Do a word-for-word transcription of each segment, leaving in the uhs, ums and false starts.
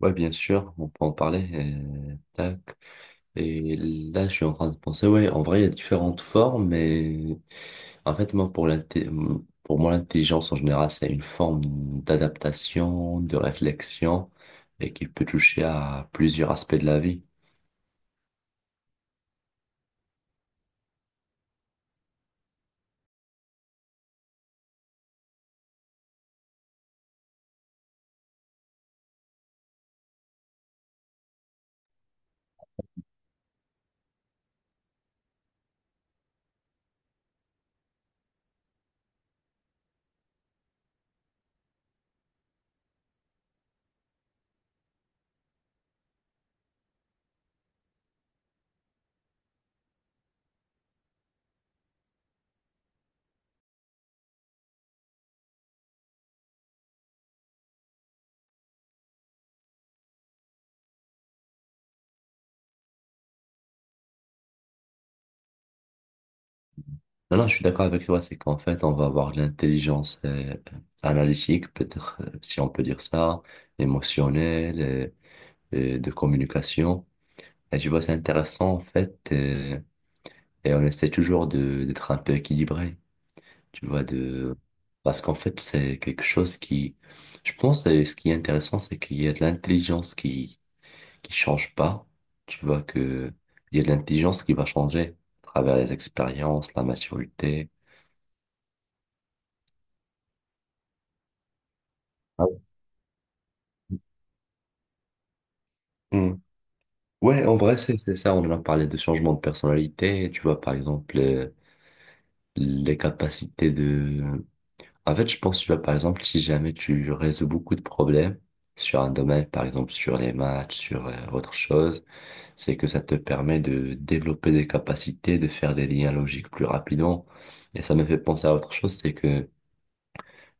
Ouais, bien sûr, on peut en parler. Euh, tac. Et là, je suis en train de penser, ouais, en vrai, il y a différentes formes, mais en fait, moi, pour l'inté- pour moi, l'intelligence en général, c'est une forme d'adaptation, de réflexion, et qui peut toucher à plusieurs aspects de la vie. Non, non, je suis d'accord avec toi, c'est qu'en fait, on va avoir de l'intelligence euh, analytique, peut-être, euh, si on peut dire ça, émotionnelle, euh, euh, de communication. Et tu vois, c'est intéressant, en fait. euh, Et on essaie toujours de d'être un peu équilibré, tu vois, de parce qu'en fait, c'est quelque chose qui je pense, et ce qui est intéressant, c'est qu'il y a de l'intelligence qui qui change pas. Tu vois que il y a de l'intelligence qui va changer à travers les expériences, la maturité. Ah oui. Mm. Ouais, en vrai, c'est c'est ça, on en a parlé de changement de personnalité, tu vois, par exemple, euh, les capacités de en fait, je pense, tu vois, par exemple, si jamais tu résous beaucoup de problèmes sur un domaine, par exemple sur les maths, sur euh, autre chose, c'est que ça te permet de développer des capacités, de faire des liens logiques plus rapidement. Et ça me fait penser à autre chose, c'est que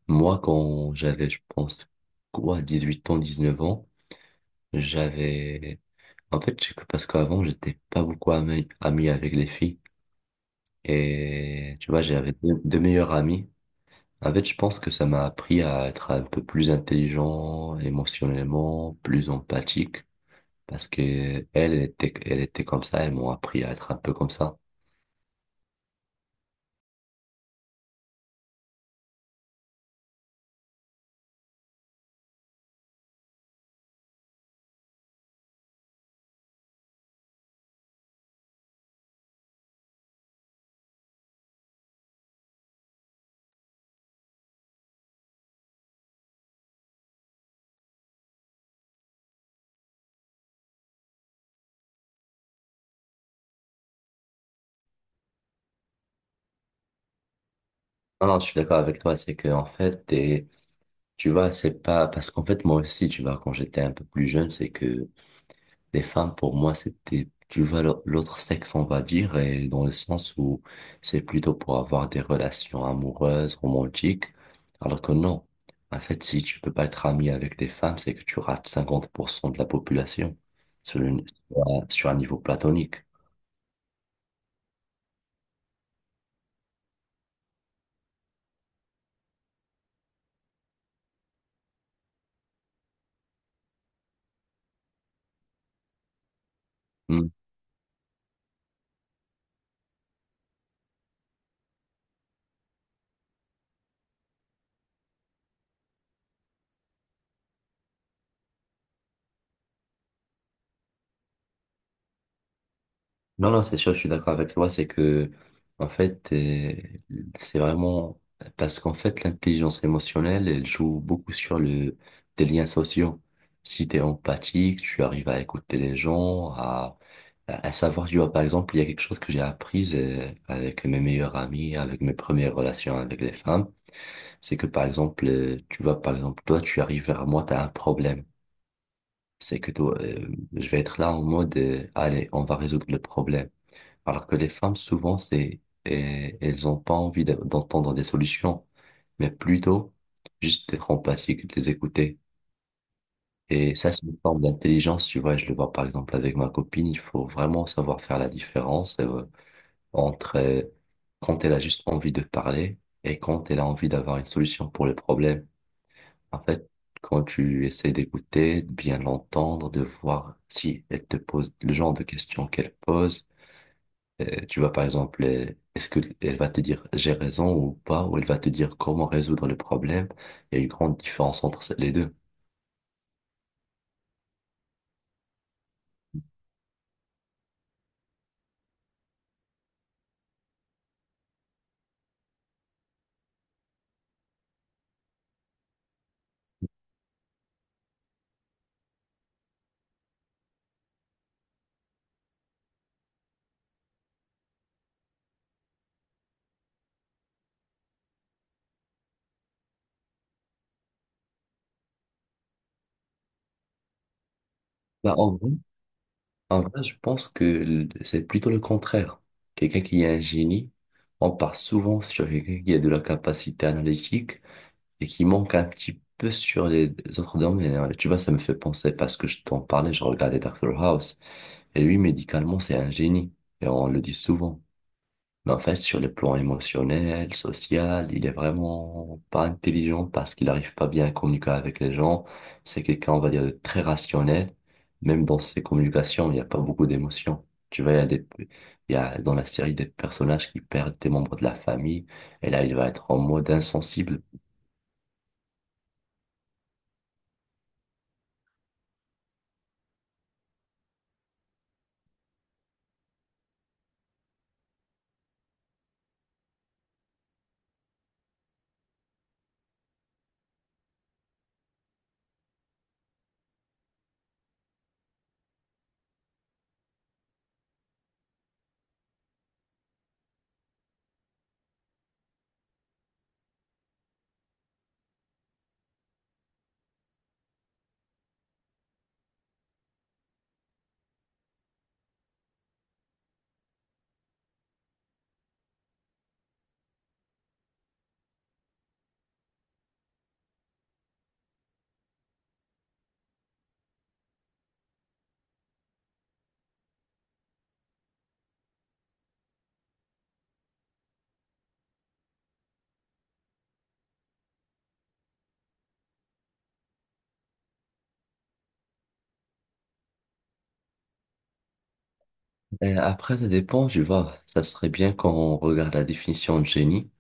moi, quand j'avais, je pense, quoi, dix-huit ans, dix-neuf ans, j'avais... En fait, c'est que parce qu'avant, j'étais pas beaucoup ami, ami avec les filles. Et tu vois, j'avais deux, deux meilleurs amis. En fait, je pense que ça m'a appris à être un peu plus intelligent émotionnellement, plus empathique, parce que elle elle était, elle était comme ça, elles m'ont appris à être un peu comme ça. Non, non, je suis d'accord avec toi, c'est que en fait, t'es- tu vois, c'est pas parce qu'en fait moi aussi, tu vois, quand j'étais un peu plus jeune, c'est que les femmes, pour moi, c'était, tu vois, l'au- l'autre sexe, on va dire, et dans le sens où c'est plutôt pour avoir des relations amoureuses, romantiques, alors que non. En fait, si tu peux pas être ami avec des femmes, c'est que tu rates cinquante pour cent de la population sur, une- sur un sur un niveau platonique. Hmm. Non, non, c'est sûr, je suis d'accord avec toi, c'est que, en fait, euh, c'est vraiment, parce qu'en fait, l'intelligence émotionnelle, elle joue beaucoup sur le, des liens sociaux. Si t'es empathique, tu arrives à écouter les gens, à, à à savoir, tu vois, par exemple, il y a quelque chose que j'ai appris euh, avec mes meilleurs amis, avec mes premières relations avec les femmes, c'est que, par exemple, euh, tu vois, par exemple, toi, tu arrives vers moi, t'as un problème. C'est que toi, euh, je vais être là en mode, euh, allez, on va résoudre le problème. Alors que les femmes, souvent, c'est, et- elles ont pas envie d'a- d'entendre des solutions, mais plutôt juste d'être empathique, de les écouter. Et ça, c'est une forme d'intelligence, tu vois. Je le vois par exemple avec ma copine, il faut vraiment savoir faire la différence euh, entre euh, quand elle a juste envie de parler et quand elle a envie d'avoir une solution pour le problème. En fait, quand tu essaies d'écouter, de bien l'entendre, de voir si elle te pose le genre de questions qu'elle pose, euh, tu vois, par exemple, euh, est-ce que elle va te dire j'ai raison ou pas, ou elle va te dire comment résoudre le problème? Il y a une grande différence entre ces- les deux. Bah, en vrai, en vrai, je pense que l- c'est plutôt le contraire. Quelqu'un qui est un génie, on part souvent sur quelqu'un qui a de la capacité analytique et qui manque un petit peu sur les autres domaines, hein. Tu vois, ça me fait penser, parce que je t'en parlais, je regardais Doctor House et lui, médicalement, c'est un génie et on le dit souvent. Mais en fait, sur le plan émotionnel, social, il est vraiment pas intelligent parce qu'il n'arrive pas bien à communiquer avec les gens. C'est quelqu'un, on va dire, de très rationnel. Même dans ses communications, il n'y a pas beaucoup d'émotions. Tu vois, il y a des, il y a dans la série des personnages qui perdent des membres de la famille. Et là, il va être en mode insensible. Et après, ça dépend, tu vois. Ça serait bien quand on regarde la définition de génie.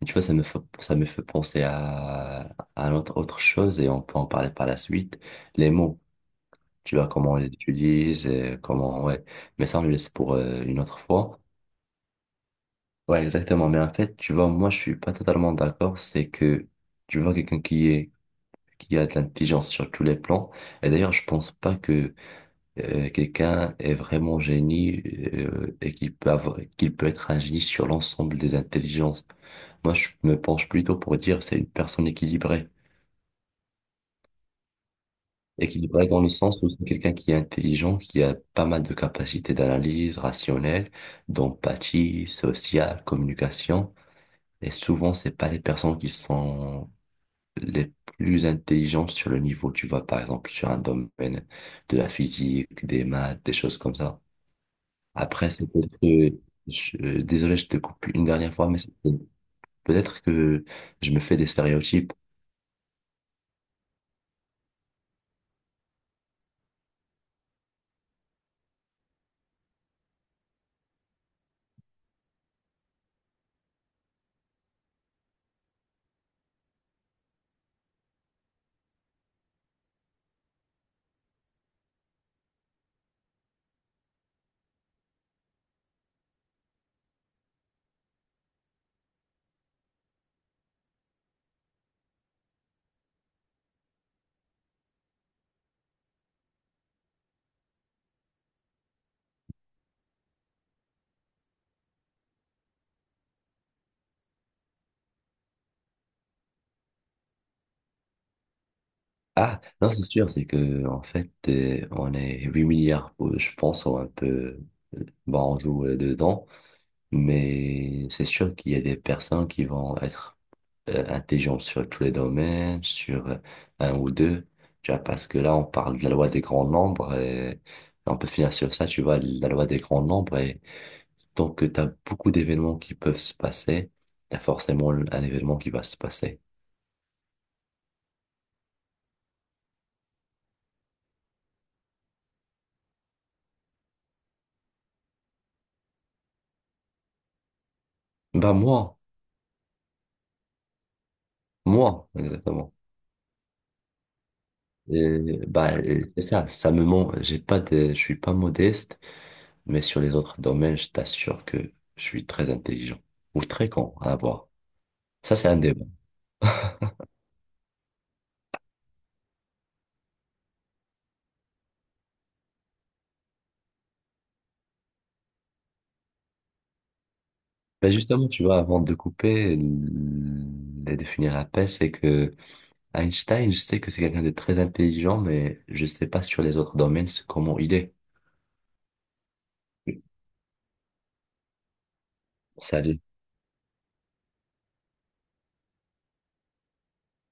Et tu vois, ça me fait, ça me fait penser à, à autre, autre chose, et on peut en parler par la suite. Les mots, tu vois comment on les utilise et comment, ouais. Mais ça, on le laisse pour euh, une autre fois. Ouais, exactement. Mais en fait, tu vois, moi, je suis pas totalement d'accord. C'est que, tu vois, quelqu'un qui est, qui a de l'intelligence sur tous les plans. Et d'ailleurs, je pense pas que euh, quelqu'un est vraiment génie euh, et qu'il peut avoir- qu'il peut être un génie sur l'ensemble des intelligences. Moi, je me penche plutôt pour dire c'est une personne équilibrée. Équilibré dans le sens où c'est quelqu'un qui est intelligent, qui a pas mal de capacités d'analyse rationnelle, d'empathie, sociale, communication. Et souvent, c'est pas les personnes qui sont les plus intelligentes sur le niveau, tu vois, par exemple, sur un domaine de la physique, des maths, des choses comme ça. Après, c'est peut-être que, je- euh, désolé, je te coupe une dernière fois, mais c'est peut-être que je me fais des stéréotypes. Ah, non, c'est sûr, c'est que, en fait, euh, on est huit milliards, euh, je pense, ou un peu, euh, bon, on joue euh, dedans, mais c'est sûr qu'il y a des personnes qui vont être euh, intelligentes sur tous les domaines, sur euh, un ou deux, tu vois, parce que là, on parle de la loi des grands nombres, et on peut finir sur ça, tu vois, la loi des grands nombres, et donc, euh, tu as beaucoup d'événements qui peuvent se passer, t'as forcément un événement qui va se passer. Bah, moi, moi, exactement. Euh, bah, euh, c'est ça, ça me ment. J'ai pas de, je suis pas modeste, mais sur les autres domaines, je t'assure que je suis très intelligent ou très con à avoir. Ça, c'est un débat. Ben justement, tu vois, avant de couper mm, et de finir l'appel, c'est que Einstein, je sais que c'est quelqu'un de très intelligent, mais je sais pas sur les autres domaines c'est comment il est. Salut.